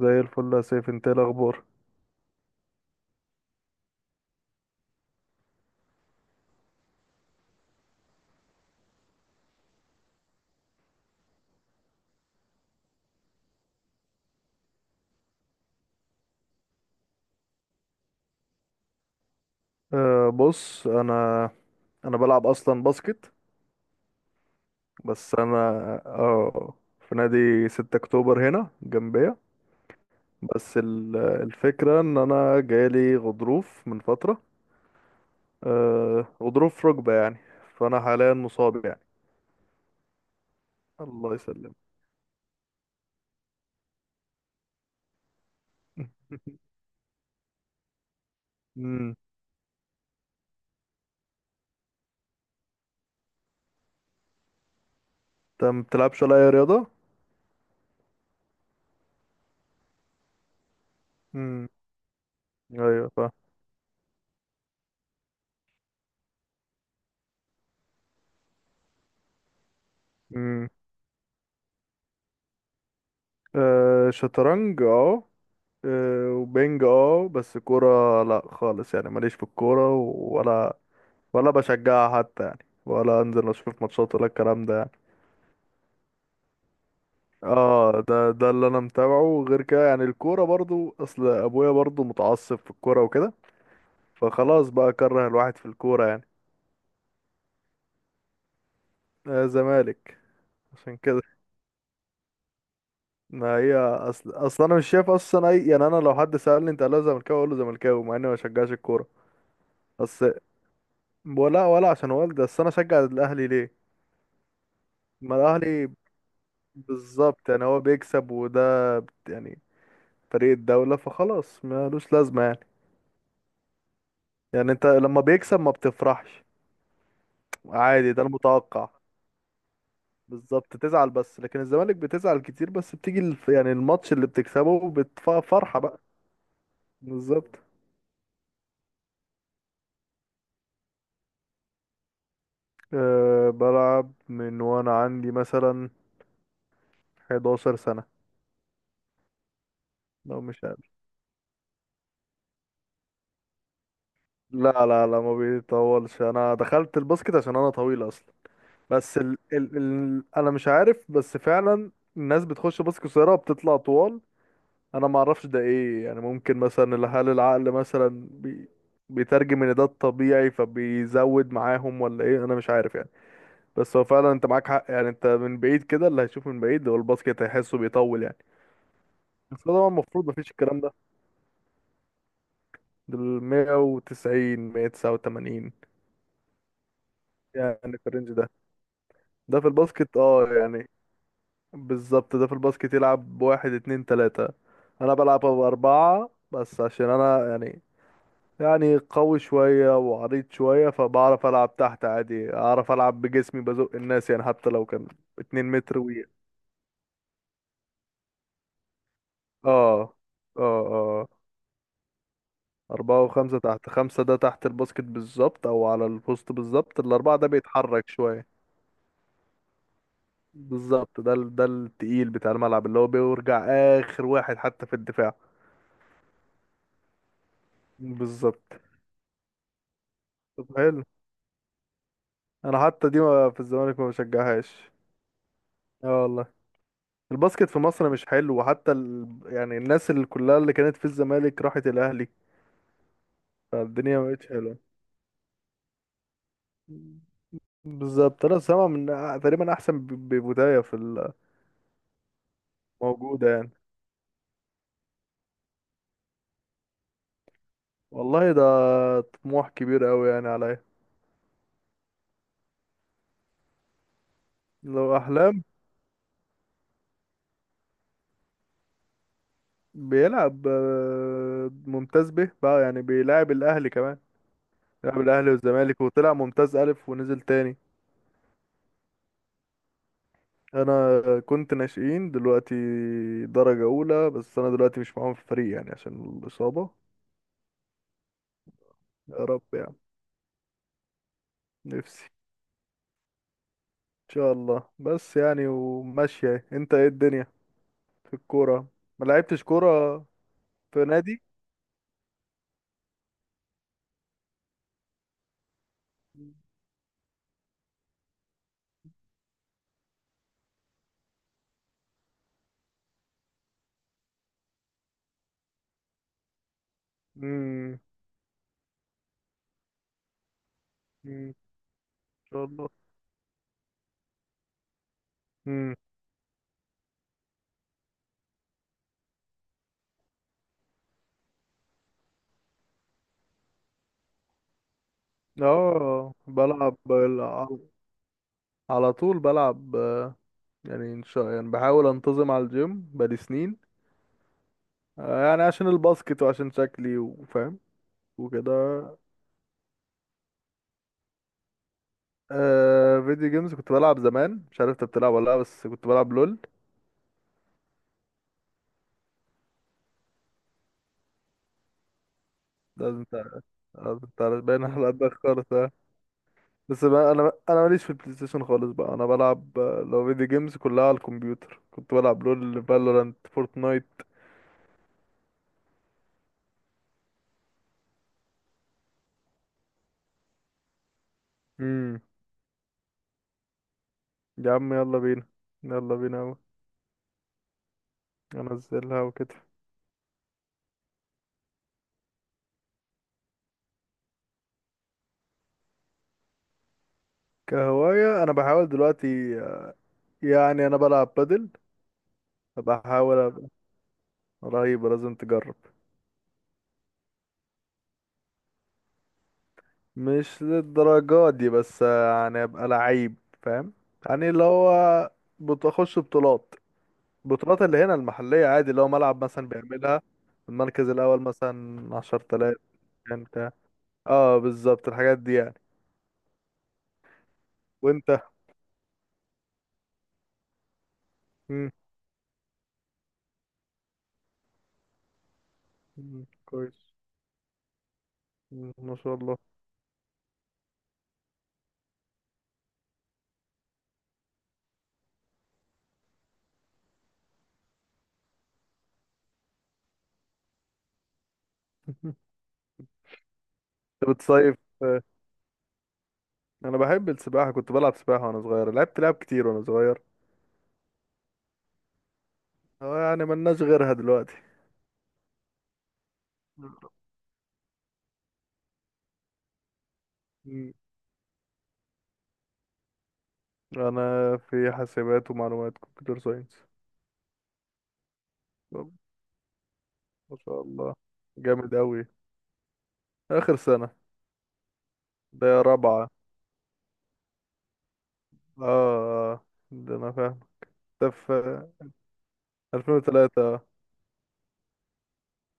زي الفل يا سيف، انت ايه الاخبار؟ بص انا بلعب اصلا باسكت. بس انا اه في نادي 6 اكتوبر هنا جنبية. بس الفكرة ان انا جالي غضروف من فترة. غضروف في ركبة يعني. فانا حاليا مصاب يعني. الله يسلم. امم. انت ما بتلعبش ولا اي رياضة؟ امم. ايوه، فاهم. امم. شطرنج، اه. وبنج، بس كورة لا خالص يعني، ماليش في الكورة ولا بشجعها حتى يعني، ولا انزل اشوف ماتشات ولا الكلام ده يعني. اه ده اللي انا متابعه غير كده يعني، الكورة برضو، اصل ابويا برضو متعصب في الكورة وكده، فخلاص بقى كره الواحد في الكورة يعني. آه، زمالك. عشان كده، ما هي اصل انا مش شايف اصلا اي يعني، انا لو حد سألني انت اهلاوي ولا زملكاوي اقول له زملكاوي، مع اني ما بشجعش الكورة. بس ولا عشان والدي، بس انا اشجع الاهلي ليه؟ ما الاهلي بالظبط يعني، هو بيكسب، يعني فريق الدولة، فخلاص ملوش لازمة يعني. يعني انت لما بيكسب ما بتفرحش، عادي ده المتوقع. بالظبط تزعل، بس لكن الزمالك بتزعل كتير، بس بتيجي يعني الماتش اللي بتكسبه بتفرحة بقى. بالظبط. بلعب من وانا عندي مثلا 11 سنة، لو مش أقل. لا لا لا، ما بيطولش، انا دخلت الباسكت عشان انا طويل اصلا. بس انا مش عارف، بس فعلا الناس بتخش بس قصيره بتطلع طوال. انا ما اعرفش ده ايه يعني، ممكن مثلا هل العقل مثلا بيترجم ان ده الطبيعي فبيزود معاهم ولا ايه، انا مش عارف يعني. بس هو فعلا انت معاك حق يعني، انت من بعيد كده اللي هيشوف من بعيد هو الباسكت هيحسه بيطول يعني. بس طبعا المفروض مفيش الكلام ده. دول 190، 189 يعني، في الرينج ده. ده في الباسكت، يعني. بالظبط، ده في الباسكت يلعب بواحد اتنين تلاتة. انا بلعب بأربعة بس عشان انا يعني، يعني قوي شوية وعريض شوية، فبعرف العب تحت عادي، اعرف العب بجسمي بزق الناس يعني، حتى لو كان 2 متر و... اه، اه، اه. أربعة وخمسة تحت، خمسة ده تحت الباسكت بالظبط أو على البوست بالظبط، الأربعة ده بيتحرك شوية. بالظبط، ده التقيل بتاع الملعب، اللي هو بيرجع آخر واحد حتى في الدفاع. بالظبط. طب حلو. انا حتى دي في الزمالك ما بشجعهاش. اه والله، الباسكت في مصر مش حلو، وحتى يعني الناس اللي كلها اللي كانت في الزمالك راحت الاهلي، فالدنيا ما بقتش حلوه. بالظبط. انا سامع من تقريبا احسن ببدايه في الموجوده يعني. والله ده طموح كبير قوي يعني عليا. لو احلام، بيلعب ممتاز به بقى يعني، بيلعب الاهلي كمان، بيلعب الاهلي والزمالك، وطلع ممتاز الف ونزل تاني. انا كنت ناشئين، دلوقتي درجة اولى، بس انا دلوقتي مش معاهم في الفريق يعني عشان الاصابة. يا رب يعني. نفسي. ان شاء الله بس يعني، وماشية انت، ايه الدنيا في الكورة؟ ما لعبتش كورة في نادي. امم. أمم، ان شاء الله. امم. اه، على طول بلعب. آه، يعني ان شاء يعني بحاول انتظم على الجيم بقالي سنين. يعني عشان الباسكت وعشان شكلي وفاهم، وكده. فيديو جيمز كنت بلعب زمان، مش عارف انت بتلعب ولا لا، بس كنت بلعب لول. ده انت، انت باين على قدك خالص، آه. بس بقى انا ماليش في البلاي ستيشن خالص بقى، انا بلعب لو فيديو جيمز كلها على الكمبيوتر، كنت بلعب لول فالورانت فورتنايت. امم. يا عم يلا بينا، يلا بينا أوي. انزلها وكده. كهواية، انا بحاول دلوقتي يعني انا بلعب بادل، بحاول ابقى رهيب، لازم تجرب. مش للدرجة دي بس يعني ابقى لعيب، فاهم؟ يعني اللي هو بتخش بطولات، بطولات اللي هنا المحلية عادي، اللي هو ملعب مثلا بيعملها المركز الأول مثلا 10 تلاف، كان بتاع، اه، بالظبط الحاجات دي يعني. وانت. مم. مم، كويس. مم، ما شاء الله. انت بتصيف؟ آه، انا بحب السباحة، كنت بلعب سباحة وانا صغير، لعبت لعب كتير وانا صغير. اه يعني، ملناش غيرها دلوقتي. مم. انا في حاسبات ومعلومات، كمبيوتر ساينس. ما شاء الله، جامد أوي. آخر سنة. ده رابعة. آه، آه، آه. ده أنا فاهم. أنت في 2003، آه.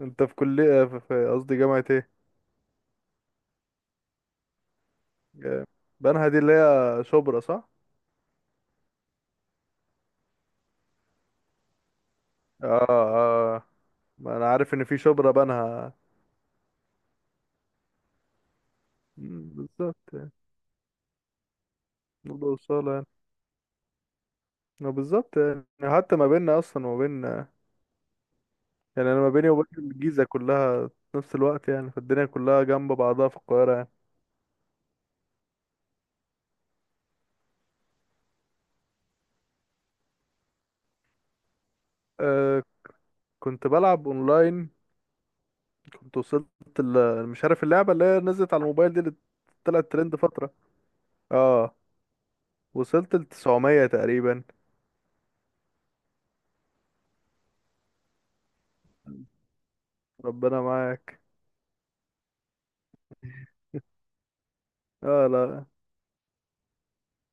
أنت في كلية في قصدي جامعة إيه؟ جا- بنها دي اللي هي شبرا، صح؟ آه، آه، ما أنا عارف إن في شبرا بنها. مم، بالظبط يعني. برضه وصالة يعني. ما بالظبط يعني، حتى ما بيننا أصلا وما بين، يعني أنا ما بيني وبين الجيزة كلها في نفس الوقت يعني، فالدنيا كلها جنب بعضها في القاهرة يعني. آه كنت بلعب أونلاين، كنت وصلت مش عارف اللعبة اللي هي نزلت على الموبايل دي اللي طلعت ترند فترة. اه، وصلت ل 900 تقريبا. ربنا معاك. اه لا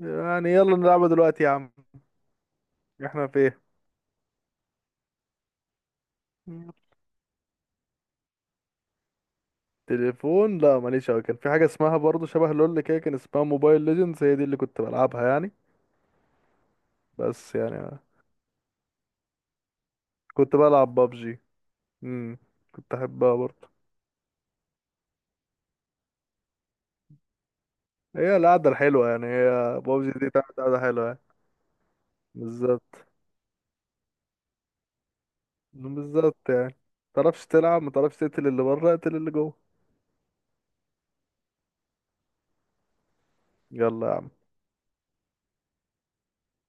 يعني، يلا نلعبها دلوقتي يا عم، احنا في ايه. تليفون لا، ماليش اوي، كان في حاجة اسمها برضه شبه لول كده، كان اسمها موبايل ليجندز، هي دي اللي كنت بلعبها يعني. بس يعني كنت بلعب بابجي. امم. كنت احبها برضه، هي القعدة الحلوة يعني، هي بابجي دي بتاعت قعدة حلوة يعني. بالظبط. بالظبط يعني، متعرفش تلعب متعرفش تقتل اللي بره اقتل اللي جوه. يلا يا عم.